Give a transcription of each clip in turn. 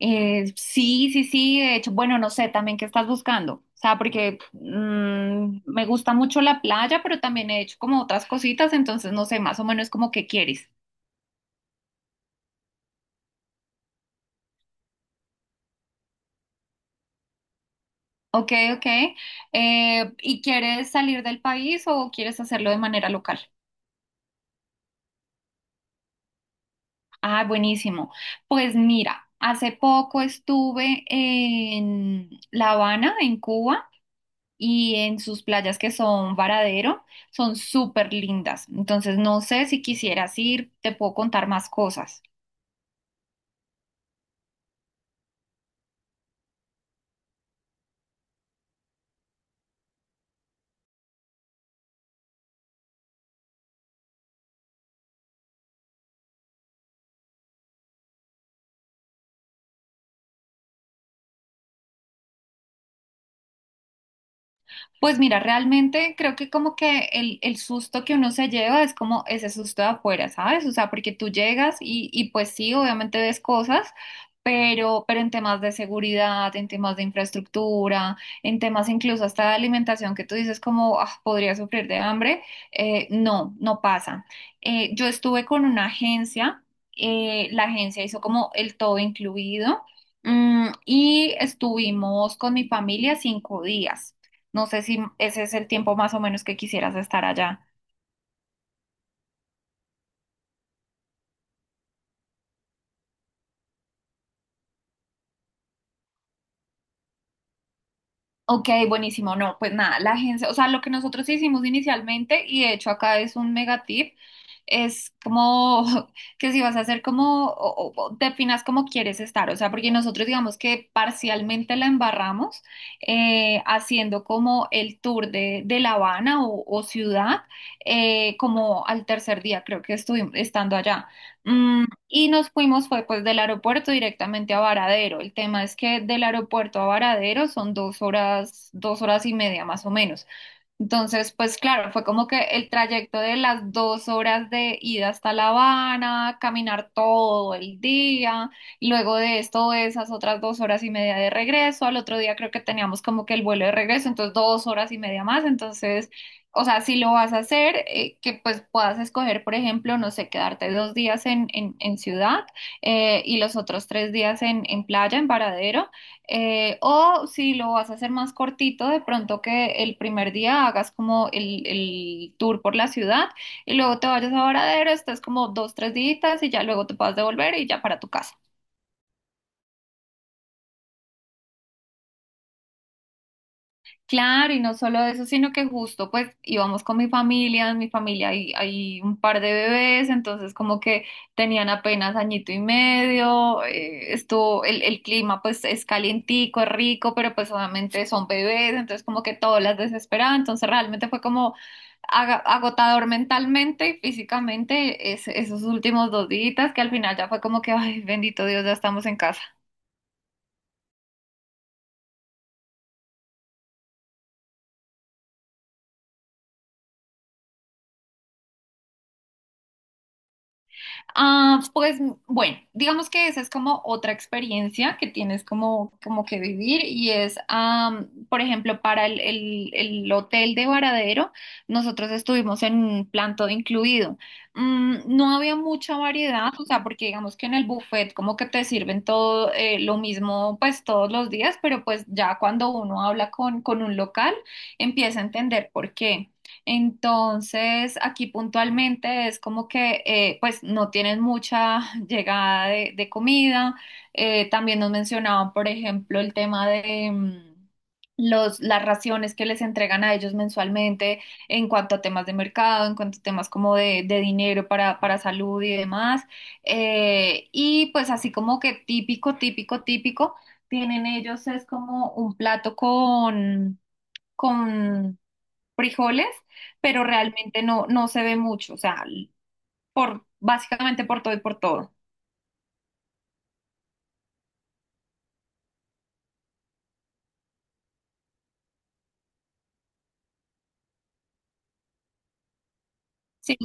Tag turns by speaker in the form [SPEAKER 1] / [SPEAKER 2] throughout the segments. [SPEAKER 1] Sí, sí, sí, de hecho, bueno, no sé también qué estás buscando, o sea, porque me gusta mucho la playa, pero también he hecho como otras cositas, entonces no sé, más o menos como qué quieres. Ok, ok. ¿Y quieres salir del país o quieres hacerlo de manera local? Ah, buenísimo. Pues mira, hace poco estuve en La Habana, en Cuba. Y en sus playas, que son Varadero, son súper lindas. Entonces, no sé si quisieras ir, te puedo contar más cosas. Pues mira, realmente creo que como que el susto que uno se lleva es como ese susto de afuera, ¿sabes? O sea, porque tú llegas y pues sí, obviamente ves cosas, pero en temas de seguridad, en temas de infraestructura, en temas incluso hasta de alimentación, que tú dices como "Ah, podría sufrir de hambre", no, no pasa. Yo estuve con una agencia, la agencia hizo como el todo incluido, y estuvimos con mi familia 5 días. No sé si ese es el tiempo más o menos que quisieras estar allá. Ok, buenísimo. No, pues nada, la agencia, o sea, lo que nosotros hicimos inicialmente, y de hecho acá es un mega tip, es como que si vas a hacer como, o definas cómo quieres estar, o sea, porque nosotros digamos que parcialmente la embarramos haciendo como el tour de La Habana o ciudad, como al tercer día, creo que estuvimos estando allá. Y nos fuimos, fue pues del aeropuerto directamente a Varadero. El tema es que del aeropuerto a Varadero son 2 horas, 2 horas y media más o menos. Entonces, pues claro, fue como que el trayecto de las 2 horas de ida hasta La Habana, caminar todo el día, y luego de esto esas otras 2 horas y media de regreso. Al otro día creo que teníamos como que el vuelo de regreso, entonces 2 horas y media más. Entonces, o sea, si lo vas a hacer, que pues puedas escoger, por ejemplo, no sé, quedarte 2 días en ciudad, y los otros 3 días en playa, en Varadero. O si lo vas a hacer más cortito, de pronto que el primer día hagas como el tour por la ciudad, y luego te vayas a Varadero, estás como 2, 3 días y ya luego te puedas devolver y ya para tu casa. Claro, y no solo eso, sino que justo pues íbamos con mi familia, en mi familia hay un par de bebés, entonces como que tenían apenas añito y medio, estuvo, el clima pues es calientico, es rico, pero pues obviamente son bebés, entonces como que todo las desesperaba, entonces realmente fue como agotador mentalmente y físicamente esos últimos 2 días, que al final ya fue como que, ay, bendito Dios, ya estamos en casa. Ah, pues bueno, digamos que esa es como otra experiencia que tienes como que vivir y es, por ejemplo, para el hotel de Varadero, nosotros estuvimos en un plan todo incluido. No había mucha variedad, o sea, porque digamos que en el buffet como que te sirven todo, lo mismo pues todos los días, pero pues ya cuando uno habla con un local empieza a entender por qué. Entonces, aquí puntualmente es como que, pues no tienen mucha llegada de comida. También nos mencionaban, por ejemplo, el tema de los, las raciones que les entregan a ellos mensualmente en cuanto a temas de mercado, en cuanto a temas como de dinero para salud y demás. Y pues así como que típico, típico, típico, tienen ellos es como un plato con frijoles, pero realmente no, no se ve mucho, o sea, básicamente por todo y por todo. Sí,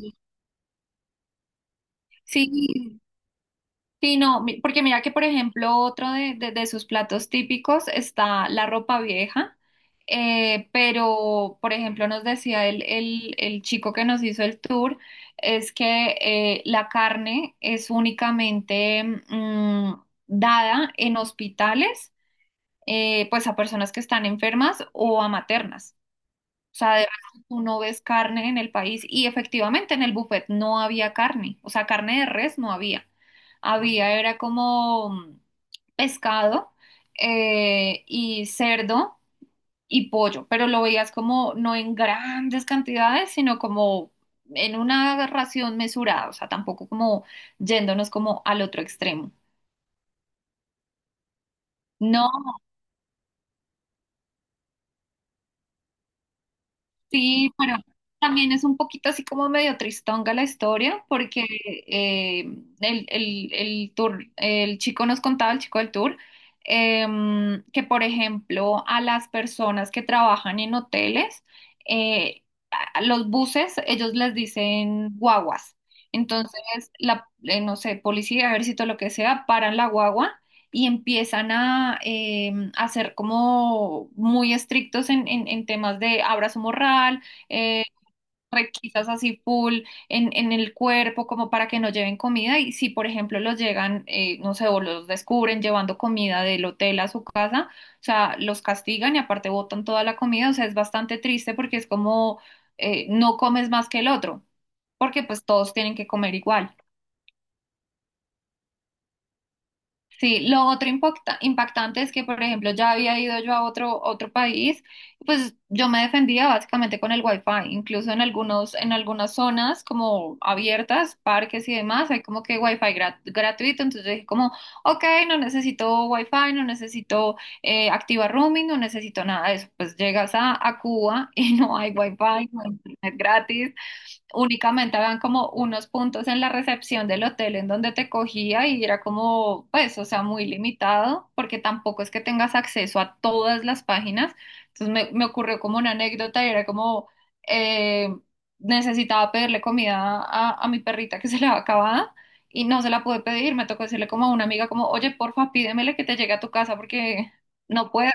[SPEAKER 1] sí, sí, no, porque mira que, por ejemplo, otro de sus platos típicos está la ropa vieja, pero, por ejemplo, nos decía el chico que nos hizo el tour, es que la carne es únicamente mm, dada en hospitales, pues a personas que están enfermas o a maternas. O sea, de verdad, tú no ves carne en el país, y efectivamente en el buffet no había carne, o sea, carne de res no había. Había, era como pescado, y cerdo y pollo, pero lo veías como no en grandes cantidades, sino como en una ración mesurada, o sea, tampoco como yéndonos como al otro extremo. No, sí, pero también es un poquito así como medio tristonga la historia, porque eh, el tour, el chico nos contaba, el chico del tour, que por ejemplo a las personas que trabajan en hoteles, eh, a los buses, ellos les dicen guaguas. Entonces, no sé, policía, ejército, lo que sea, paran la guagua y empiezan a ser como muy estrictos en temas de abrazo moral, eh, requisas así full en el cuerpo como para que no lleven comida, y si por ejemplo los llegan, no sé, o los descubren llevando comida del hotel a su casa, o sea, los castigan y aparte botan toda la comida, o sea, es bastante triste porque es como, no comes más que el otro, porque pues todos tienen que comer igual. Sí, lo otro impactante es que, por ejemplo, ya había ido yo a otro país, pues yo me defendía básicamente con el Wi-Fi. Incluso en algunos, en algunas zonas como abiertas, parques y demás, hay como que wifi gratuito, entonces yo dije como, ok, no necesito Wi-Fi, no necesito, activa roaming, no necesito nada de eso, pues llegas a Cuba y no hay Wi-Fi, no hay internet gratis, únicamente habían como unos puntos en la recepción del hotel en donde te cogía y era como, pues, o sea, muy limitado, porque tampoco es que tengas acceso a todas las páginas. Entonces me ocurrió como una anécdota, y era como, eh, necesitaba pedirle comida a mi perrita, que se le había acabado, y no se la pude pedir, me tocó decirle como a una amiga como, oye, porfa, pídemele que te llegue a tu casa porque... No puedo.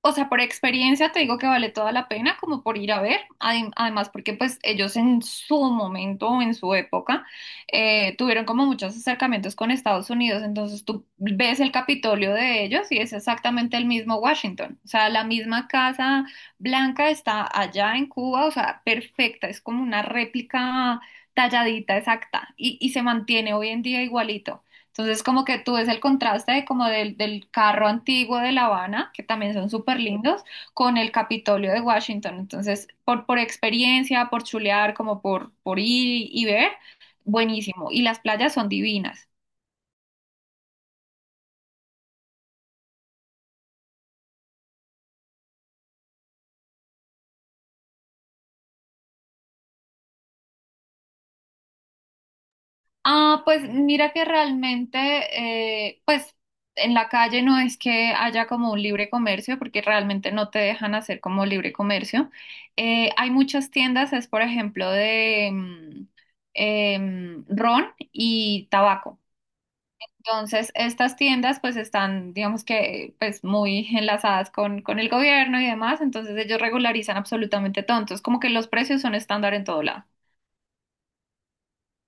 [SPEAKER 1] O sea, por experiencia te digo que vale toda la pena como por ir a ver. Además porque pues ellos en su momento, en su época, tuvieron como muchos acercamientos con Estados Unidos, entonces tú ves el Capitolio de ellos y es exactamente el mismo Washington, o sea, la misma Casa Blanca está allá en Cuba, o sea, perfecta, es como una réplica talladita exacta, y se mantiene hoy en día igualito. Entonces, como que tú ves el contraste de como del carro antiguo de La Habana, que también son súper lindos, con el Capitolio de Washington. Entonces, por experiencia, por chulear, como por ir y ver, buenísimo. Y las playas son divinas. Ah, pues mira que realmente, pues en la calle no es que haya como un libre comercio, porque realmente no te dejan hacer como libre comercio. Hay muchas tiendas, es por ejemplo de ron y tabaco. Entonces, estas tiendas pues están, digamos que, pues muy enlazadas con el gobierno y demás, entonces ellos regularizan absolutamente todo. Entonces, como que los precios son estándar en todo lado.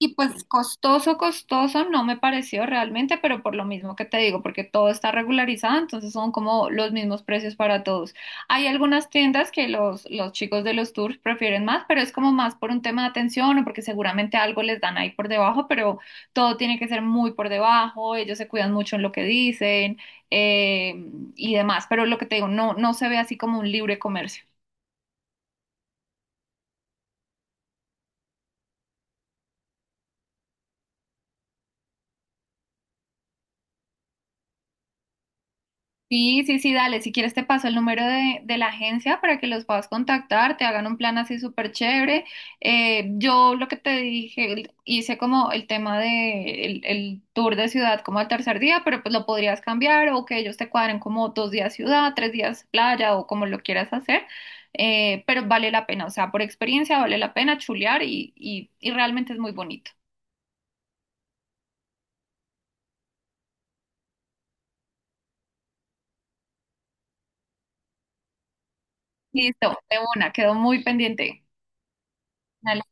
[SPEAKER 1] Y pues costoso, costoso no me pareció realmente, pero por lo mismo que te digo, porque todo está regularizado, entonces son como los mismos precios para todos. Hay algunas tiendas que los chicos de los tours prefieren más, pero es como más por un tema de atención, o porque seguramente algo les dan ahí por debajo, pero todo tiene que ser muy por debajo, ellos se cuidan mucho en lo que dicen, eh, y demás, pero lo que te digo, no, no se ve así como un libre comercio. Sí, sí, sí, dale. Si quieres te paso el número de la agencia para que los puedas contactar, te hagan un plan así súper chévere. Yo lo que te dije, hice como el tema de el tour de ciudad como al tercer día, pero pues lo podrías cambiar o que ellos te cuadren como 2 días ciudad, 3 días playa o como lo quieras hacer. Pero vale la pena, o sea, por experiencia vale la pena chulear, y realmente es muy bonito. Listo, de una, quedó muy pendiente. Dale,